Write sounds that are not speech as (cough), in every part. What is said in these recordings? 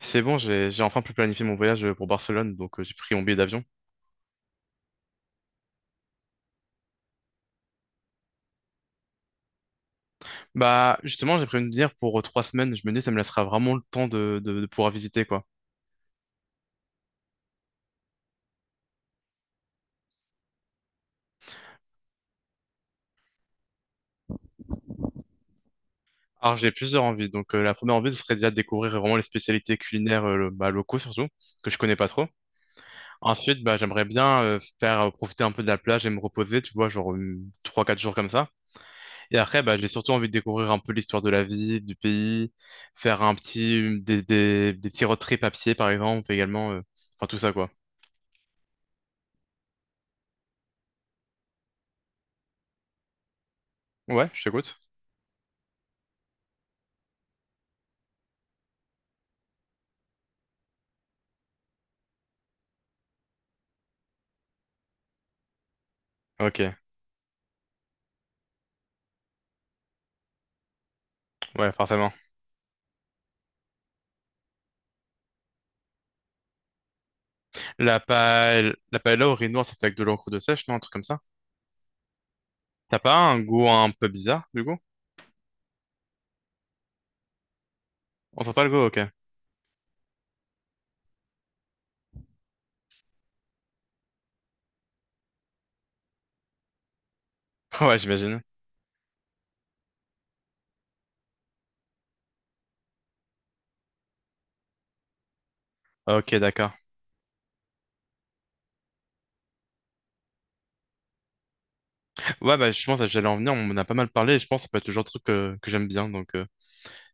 C'est bon, j'ai enfin pu planifier mon voyage pour Barcelone, donc j'ai pris mon billet d'avion. Bah justement, j'ai prévu de venir pour 3 semaines. Je me dis, ça me laissera vraiment le temps de pouvoir visiter quoi. Alors j'ai plusieurs envies. Donc la première envie, ce serait déjà de découvrir vraiment les spécialités culinaires bah, locaux surtout que je connais pas trop. Ensuite, bah j'aimerais bien faire profiter un peu de la plage et me reposer, tu vois, genre trois quatre jours comme ça. Et après, bah j'ai surtout envie de découvrir un peu l'histoire de la ville, du pays, faire un petit des petits road trips à pied par exemple également, enfin tout ça quoi. Ouais, je t'écoute. Ok, ouais, forcément. La paella au riz noir, ça fait avec de l'encre de sèche, non? Un truc comme ça. T'as pas un goût un peu bizarre, du coup? On sent pas le goût, ok. (laughs) Ouais, j'imagine. Ok, d'accord. Ouais, bah, je pense que j'allais en venir, on en a pas mal parlé, et je pense que ça peut être le genre de truc que j'aime bien, donc.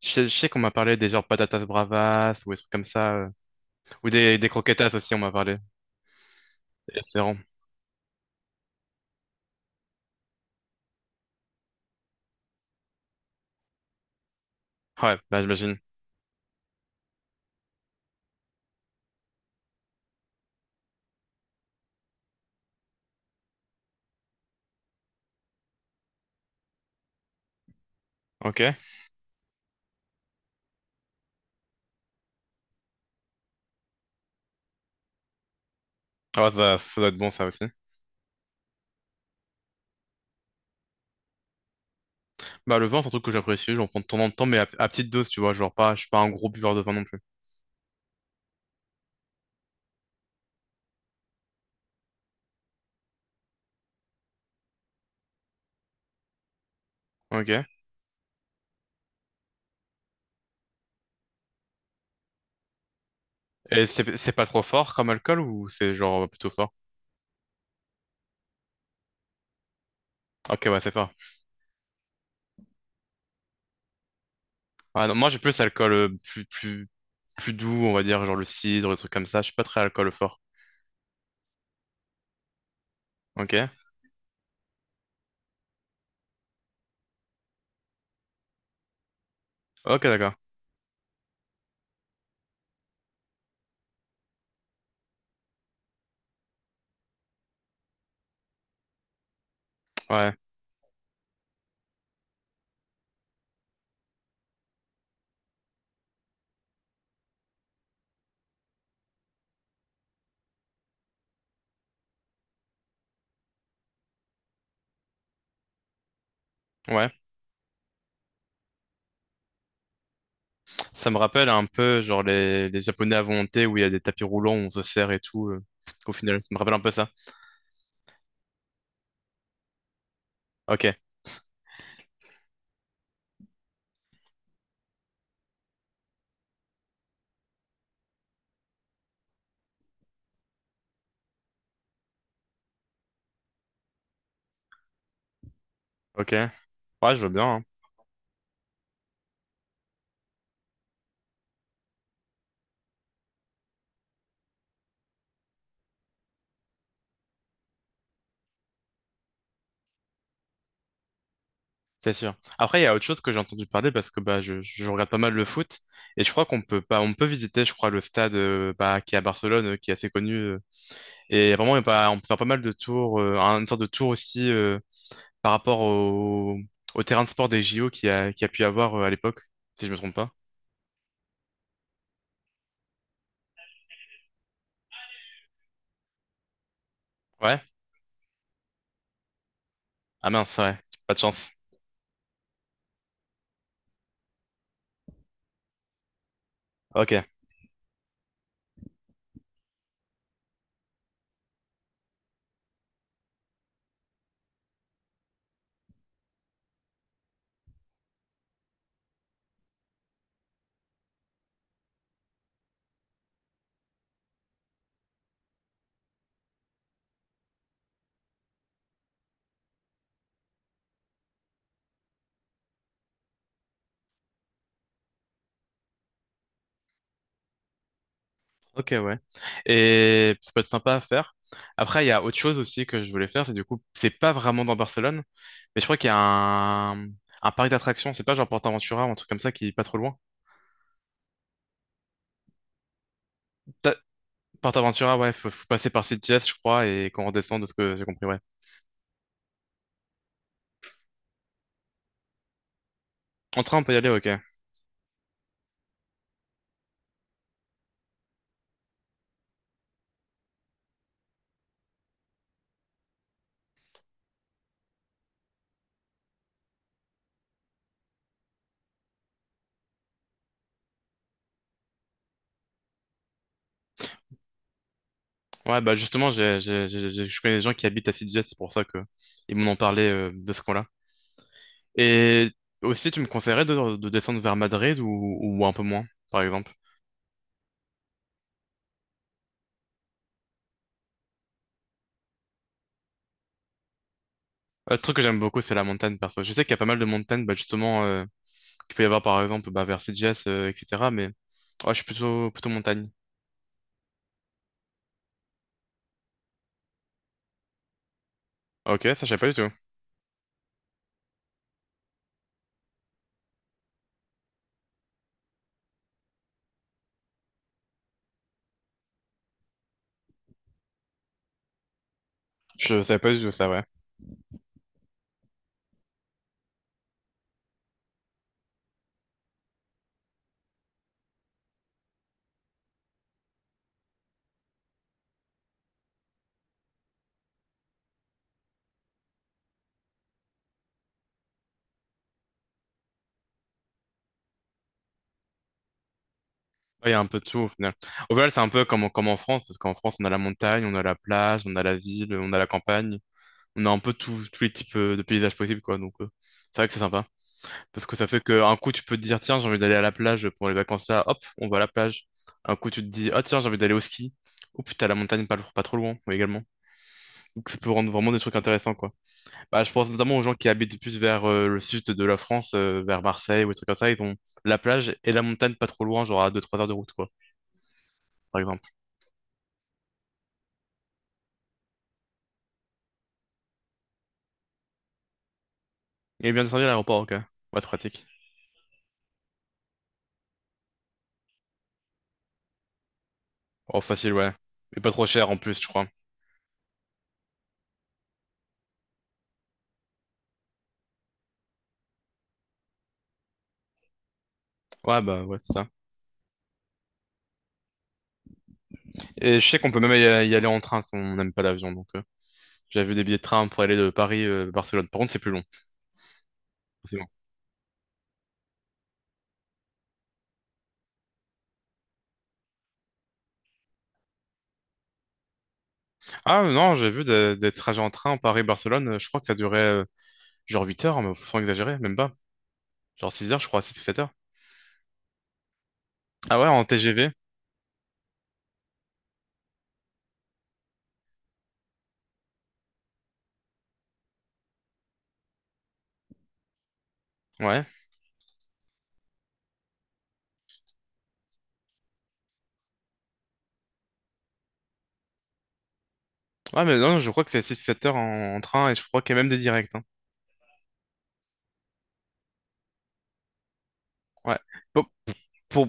Je sais qu'on m'a parlé des genres patatas bravas, ou des trucs comme ça, ou des croquetas aussi, on m'a parlé. Et c'est vraiment. Ouais, bah, j'imagine. Ok. Ah, ouais, ça doit être bon, ça aussi. Bah, le vin, c'est un truc que j'apprécie, j'en prends de temps en temps, mais à petite dose, tu vois, genre pas... Je suis pas un gros buveur de vin non plus. Ok. Et c'est pas trop fort comme alcool ou c'est genre plutôt fort? Ok, ouais, c'est fort. Ah non, moi j'ai plus alcool plus doux, on va dire, genre le cidre, des trucs comme ça. Je suis pas très alcool fort. Ok? Ok, d'accord. Ouais, ouais. Ça me rappelle un peu, genre, les Japonais à volonté où il y a des tapis roulants, on se sert et tout. Au final, ça me rappelle un peu ça. Ok, ok. Ouais, je veux bien. Hein. C'est sûr. Après, il y a autre chose que j'ai entendu parler parce que bah, je regarde pas mal le foot et je crois qu'on peut pas, on peut visiter, je crois, le stade bah, qui est à Barcelone, qui est assez connu. Et vraiment, il y a pas- on peut faire pas mal de tours, une sorte de tour aussi par rapport au terrain de sport des JO qu'il a pu y avoir à l'époque, si je me trompe pas. Ouais? Ah mince, ouais. Pas de chance. Ok. Ok, ouais. Et ça peut être sympa à faire. Après, il y a autre chose aussi que je voulais faire, c'est du coup, c'est pas vraiment dans Barcelone, mais je crois qu'il y a un parc d'attractions, c'est pas genre PortAventura ou un truc comme ça qui est pas trop loin. Ta- PortAventura, ouais, faut passer par Sitges, je crois, et qu'on redescend de ce que j'ai compris, ouais. En train, on peut y aller, ok. Ouais, bah justement, je connais des gens qui habitent à Sitges, c'est pour ça que ils m'en ont parlé de ce coin-là. Et aussi, tu me conseillerais de descendre vers Madrid ou un peu moins, par exemple? Un truc que j'aime beaucoup, c'est la montagne, perso. Je sais qu'il y a pas mal de montagnes, bah, justement, qu'il peut y avoir, par exemple, bah, vers CGS, etc. Mais ouais, je suis plutôt montagne. Ok, ça, je savais pas du tout. Je savais pas du tout ça, ouais. Ouais, il y a un peu de tout, au final. Au final, c'est un peu comme, comme en France, parce qu'en France, on a la montagne, on a la plage, on a la ville, on a la campagne. On a un peu tous les types de paysages possibles, quoi. Donc, c'est vrai que c'est sympa. Parce que ça fait qu'un coup, tu peux te dire, tiens, j'ai envie d'aller à la plage pour les vacances là, hop, on va à la plage. Un coup, tu te dis, ah, tiens, j'ai envie d'aller au ski. Ou putain, la montagne pas trop loin, oui, également. Donc, ça peut rendre vraiment des trucs intéressants, quoi. Bah, je pense notamment aux gens qui habitent plus vers le sud de la France, vers Marseille ou des trucs comme ça. Ils ont la plage et la montagne pas trop loin, genre à deux trois heures de route, quoi, par exemple. Et bien descendu à l'aéroport, ok. Ouais, c'est pratique. Oh, facile, ouais. Et pas trop cher en plus, je crois. Ouais, bah, ouais, c'est ça. Et je sais qu'on peut même y aller en train si on n'aime pas l'avion. Donc, j'avais vu des billets de train pour aller de Paris à Barcelone. Par contre, c'est plus long. Forcément. Ah non, j'ai vu des trajets en train Paris-Barcelone. Je crois que ça durait genre 8 heures, hein, mais sans exagérer, même pas. Genre 6 heures, je crois, six ou 7 heures. Ah ouais, en TGV. Ouais. Ouais, mais non, je crois que c'est 6 7 heures en train et je crois qu'il y a même des directs. Hein. Ouais. Bon, pour...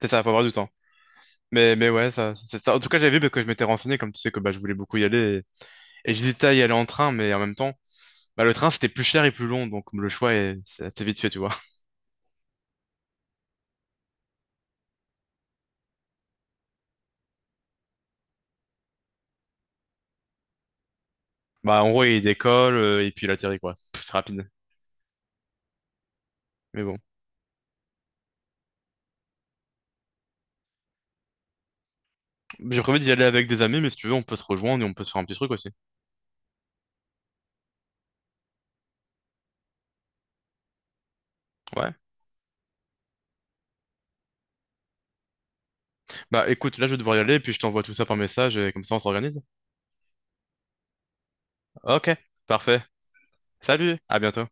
C'est ça, faut avoir du temps. Mais ouais, ça, c'est ça. En tout cas, j'avais vu parce que je m'étais renseigné, comme tu sais que bah, je voulais beaucoup y aller. Et j'hésitais à y aller en train, mais en même temps. Bah, le train, c'était plus cher et plus long, donc le choix est c'est assez vite fait, tu vois. (laughs) Bah, en gros, il décolle et puis il atterrit, quoi. C'est rapide. Mais bon. J'ai prévu d'y aller avec des amis, mais si tu veux, on peut se rejoindre et on peut se faire un petit truc aussi. Ouais. Bah, écoute, là, je vais devoir y aller, puis je t'envoie tout ça par message et comme ça, on s'organise. Ok, parfait. Salut, à bientôt.